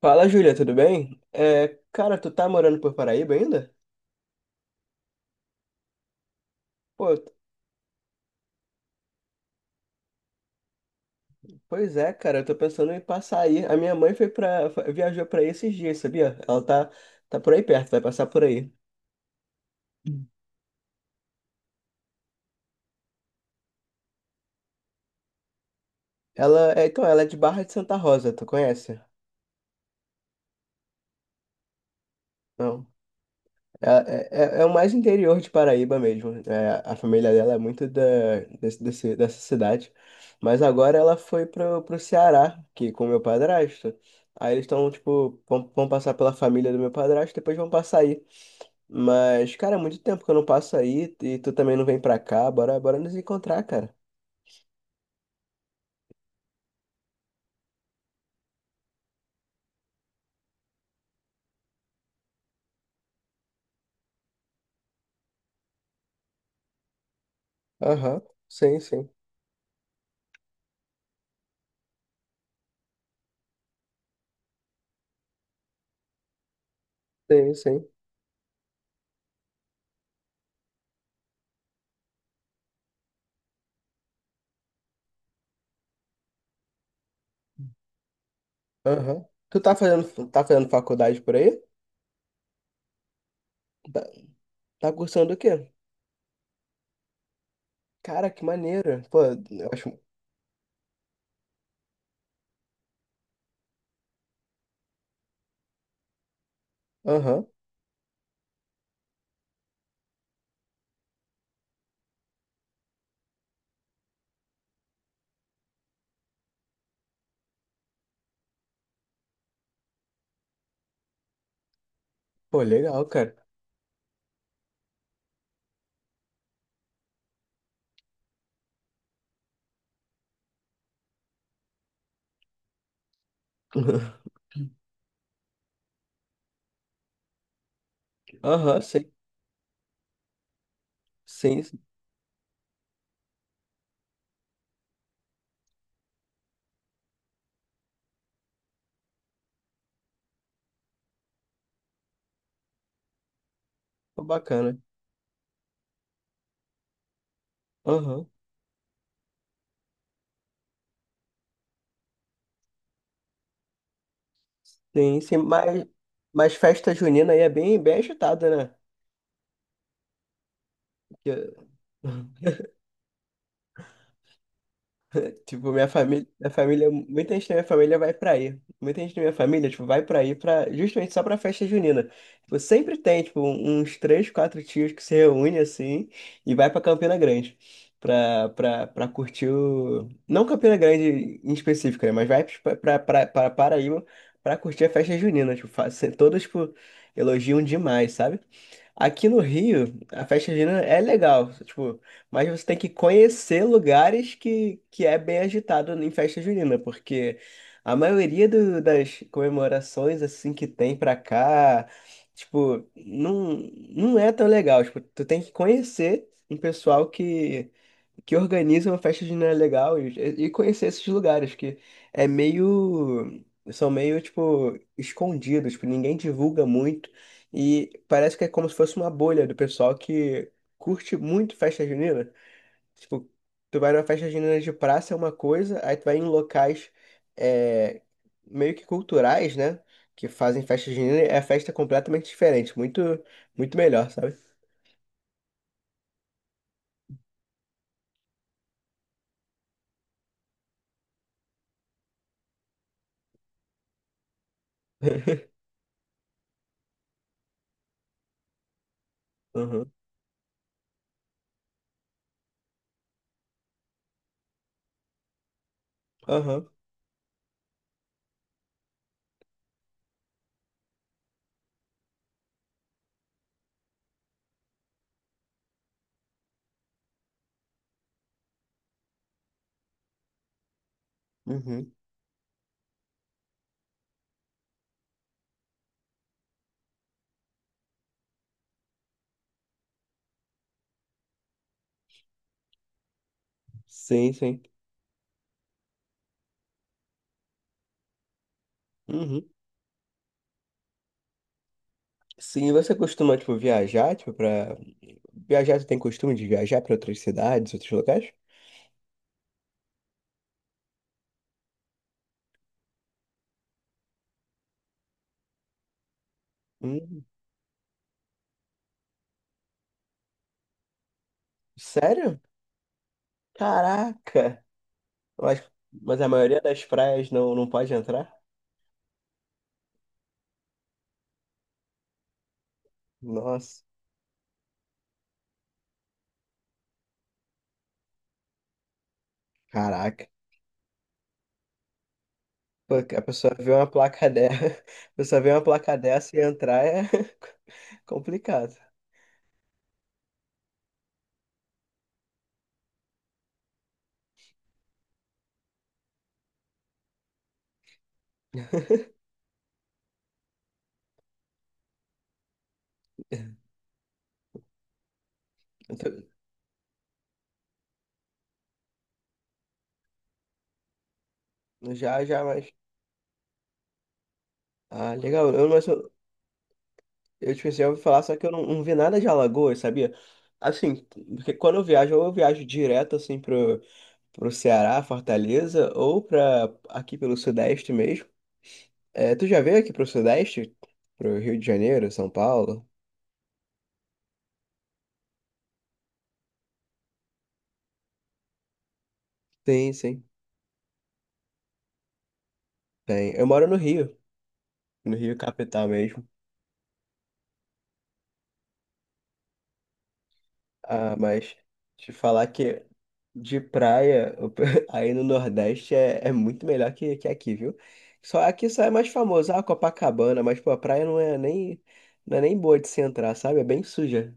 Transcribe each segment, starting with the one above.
Fala, Júlia, tudo bem? É, cara, tu tá morando por Paraíba ainda? Pô, t- pois é, cara, eu tô pensando em passar aí. A minha mãe foi para viajou pra aí esses dias, sabia? Ela tá por aí perto, vai passar por aí. Hum. Então, ela é de Barra de Santa Rosa, tu conhece? Não. É, é, é o mais interior de Paraíba mesmo. É, a família dela é muito dessa cidade. Mas agora ela foi pro Ceará, que com meu padrasto. Aí eles estão, tipo, vão passar pela família do meu padrasto, depois vão passar aí. Mas, cara, é muito tempo que eu não passo aí e tu também não vem pra cá. Bora, bora nos encontrar, cara. Aham, sim, sim. Sim, sim. Aham. Tá fazendo faculdade por aí? Tá, tá cursando o quê? Cara, que maneiro. Pô, eu acho. Aham. Pô, legal, cara. Aham, sim. Sim, sim. Pô, bacana. Aham. Sim, sim. Mas festa junina aí é bem, bem agitada, né? Porque- Tipo, minha família, muita gente da minha família vai pra aí. Muita gente da minha família, tipo, vai pra aí pra, justamente só pra festa junina. Tipo, sempre tem, tipo, uns três, quatro tios que se reúnem assim e vai pra Campina Grande. Pra curtir o. Não Campina Grande em específico, né? Mas vai pra Paraíba pra curtir a festa junina. Tipo, todos, tipo, elogiam demais, sabe? Aqui no Rio, a festa junina é legal. Tipo. Mas você tem que conhecer lugares que é bem agitado em festa junina, porque a maioria das comemorações assim que tem pra cá, tipo, não, não é tão legal. Tipo, tu tem que conhecer um pessoal que organiza uma festa junina legal e conhecer esses lugares que é meio são meio tipo escondidos, tipo, ninguém divulga muito e parece que é como se fosse uma bolha do pessoal que curte muito festa junina? Tipo, tu vai numa festa junina de praça é uma coisa, aí tu vai em locais é, meio que culturais, né? Que fazem festa junina, é festa é completamente diferente, muito, muito melhor, sabe? Aham, aham, uhum. Sim, sim. Uhum. Sim, e você costuma, tipo, viajar, tipo, pra... Viajar, você tem costume de viajar pra outras cidades, outros locais? Hum, sério? Caraca! Mas, mas a maioria das praias não, não pode entrar? Nossa, caraca. Pô, a pessoa vê uma placa dessa, a pessoa vê uma placa dessa e entrar é complicado. Então, já, já, mas. Ah, legal. Eu tipo assim, eu ouvi falar, só que eu não, não vi nada de Alagoas, sabia? Assim, porque quando eu viajo, ou eu viajo direto assim pro Ceará, Fortaleza, ou pra aqui pelo Sudeste mesmo. É, tu já veio aqui pro Sudeste? Pro Rio de Janeiro, São Paulo? Sim, sim. Tem. Eu moro no Rio. No Rio Capital mesmo. Ah, mas te falar que de praia, aí no Nordeste é muito melhor que aqui, viu? Só aqui só é mais famoso, ah, Copacabana, mas pô, a praia não é nem, não é nem boa de se entrar, sabe? É bem suja.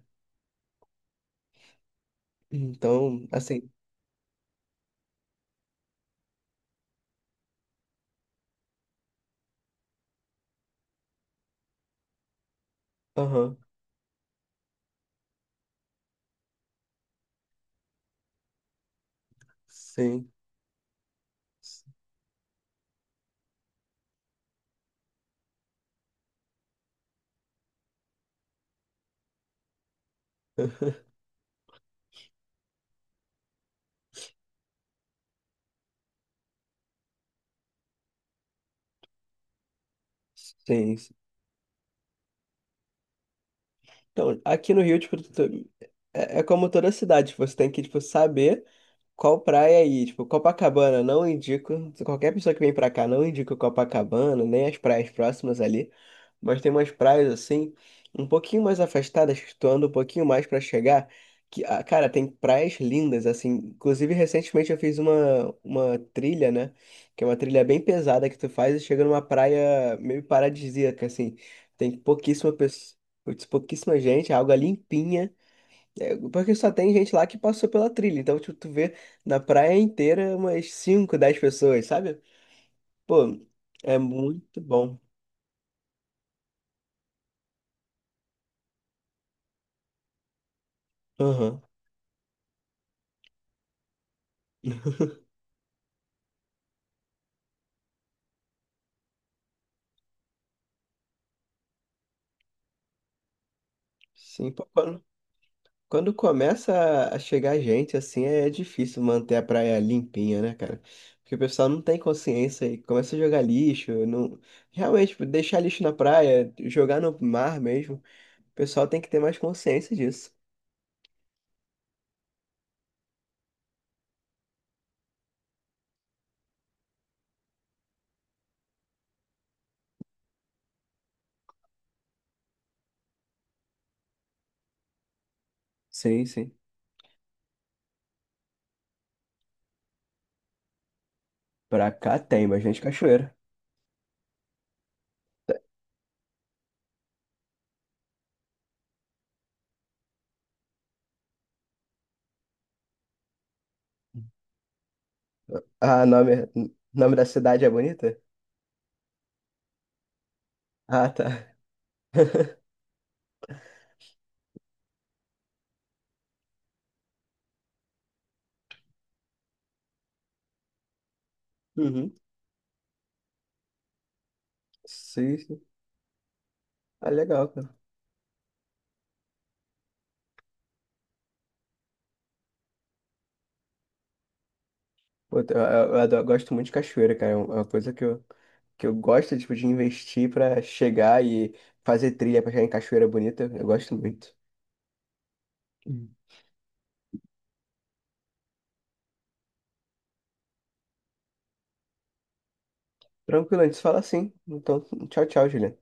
Então, assim, aham, sim. Sim, sim. Então, aqui no Rio, tipo, é, é como toda cidade, tipo, você tem que, tipo, saber qual praia ir. Tipo, Copacabana, não indico. Qualquer pessoa que vem pra cá, não indica Copacabana, nem as praias próximas ali. Mas tem umas praias, assim, um pouquinho mais afastadas, que tu anda um pouquinho mais pra chegar. Que, ah, cara, tem praias lindas, assim. Inclusive, recentemente eu fiz uma trilha, né? Que é uma trilha bem pesada que tu faz e chega numa praia meio paradisíaca, assim. Tem pouquíssima pouquíssima gente, a água limpinha. É, porque só tem gente lá que passou pela trilha. Então, tipo, tu vê na praia inteira umas 5 10 pessoas, sabe? Pô, é muito bom. Aham. Sim, pô, quando começa a chegar gente, assim, é difícil manter a praia limpinha, né, cara? Porque o pessoal não tem consciência e começa a jogar lixo. Não... Realmente, tipo, deixar lixo na praia, jogar no mar mesmo. O pessoal tem que ter mais consciência disso. Sim, sim. Pra cá tem bastante cachoeira. Ah, nome, nome da cidade é bonita? Ah, tá. Uhum. Sim, sim. Ah, legal, cara. Pô, gosto muito de cachoeira, cara. É uma coisa que eu gosto, tipo, de investir pra chegar e fazer trilha pra chegar em cachoeira bonita. Eu gosto muito. Hum. Tranquilo, a gente se fala assim. Então, tchau, tchau, Juliana.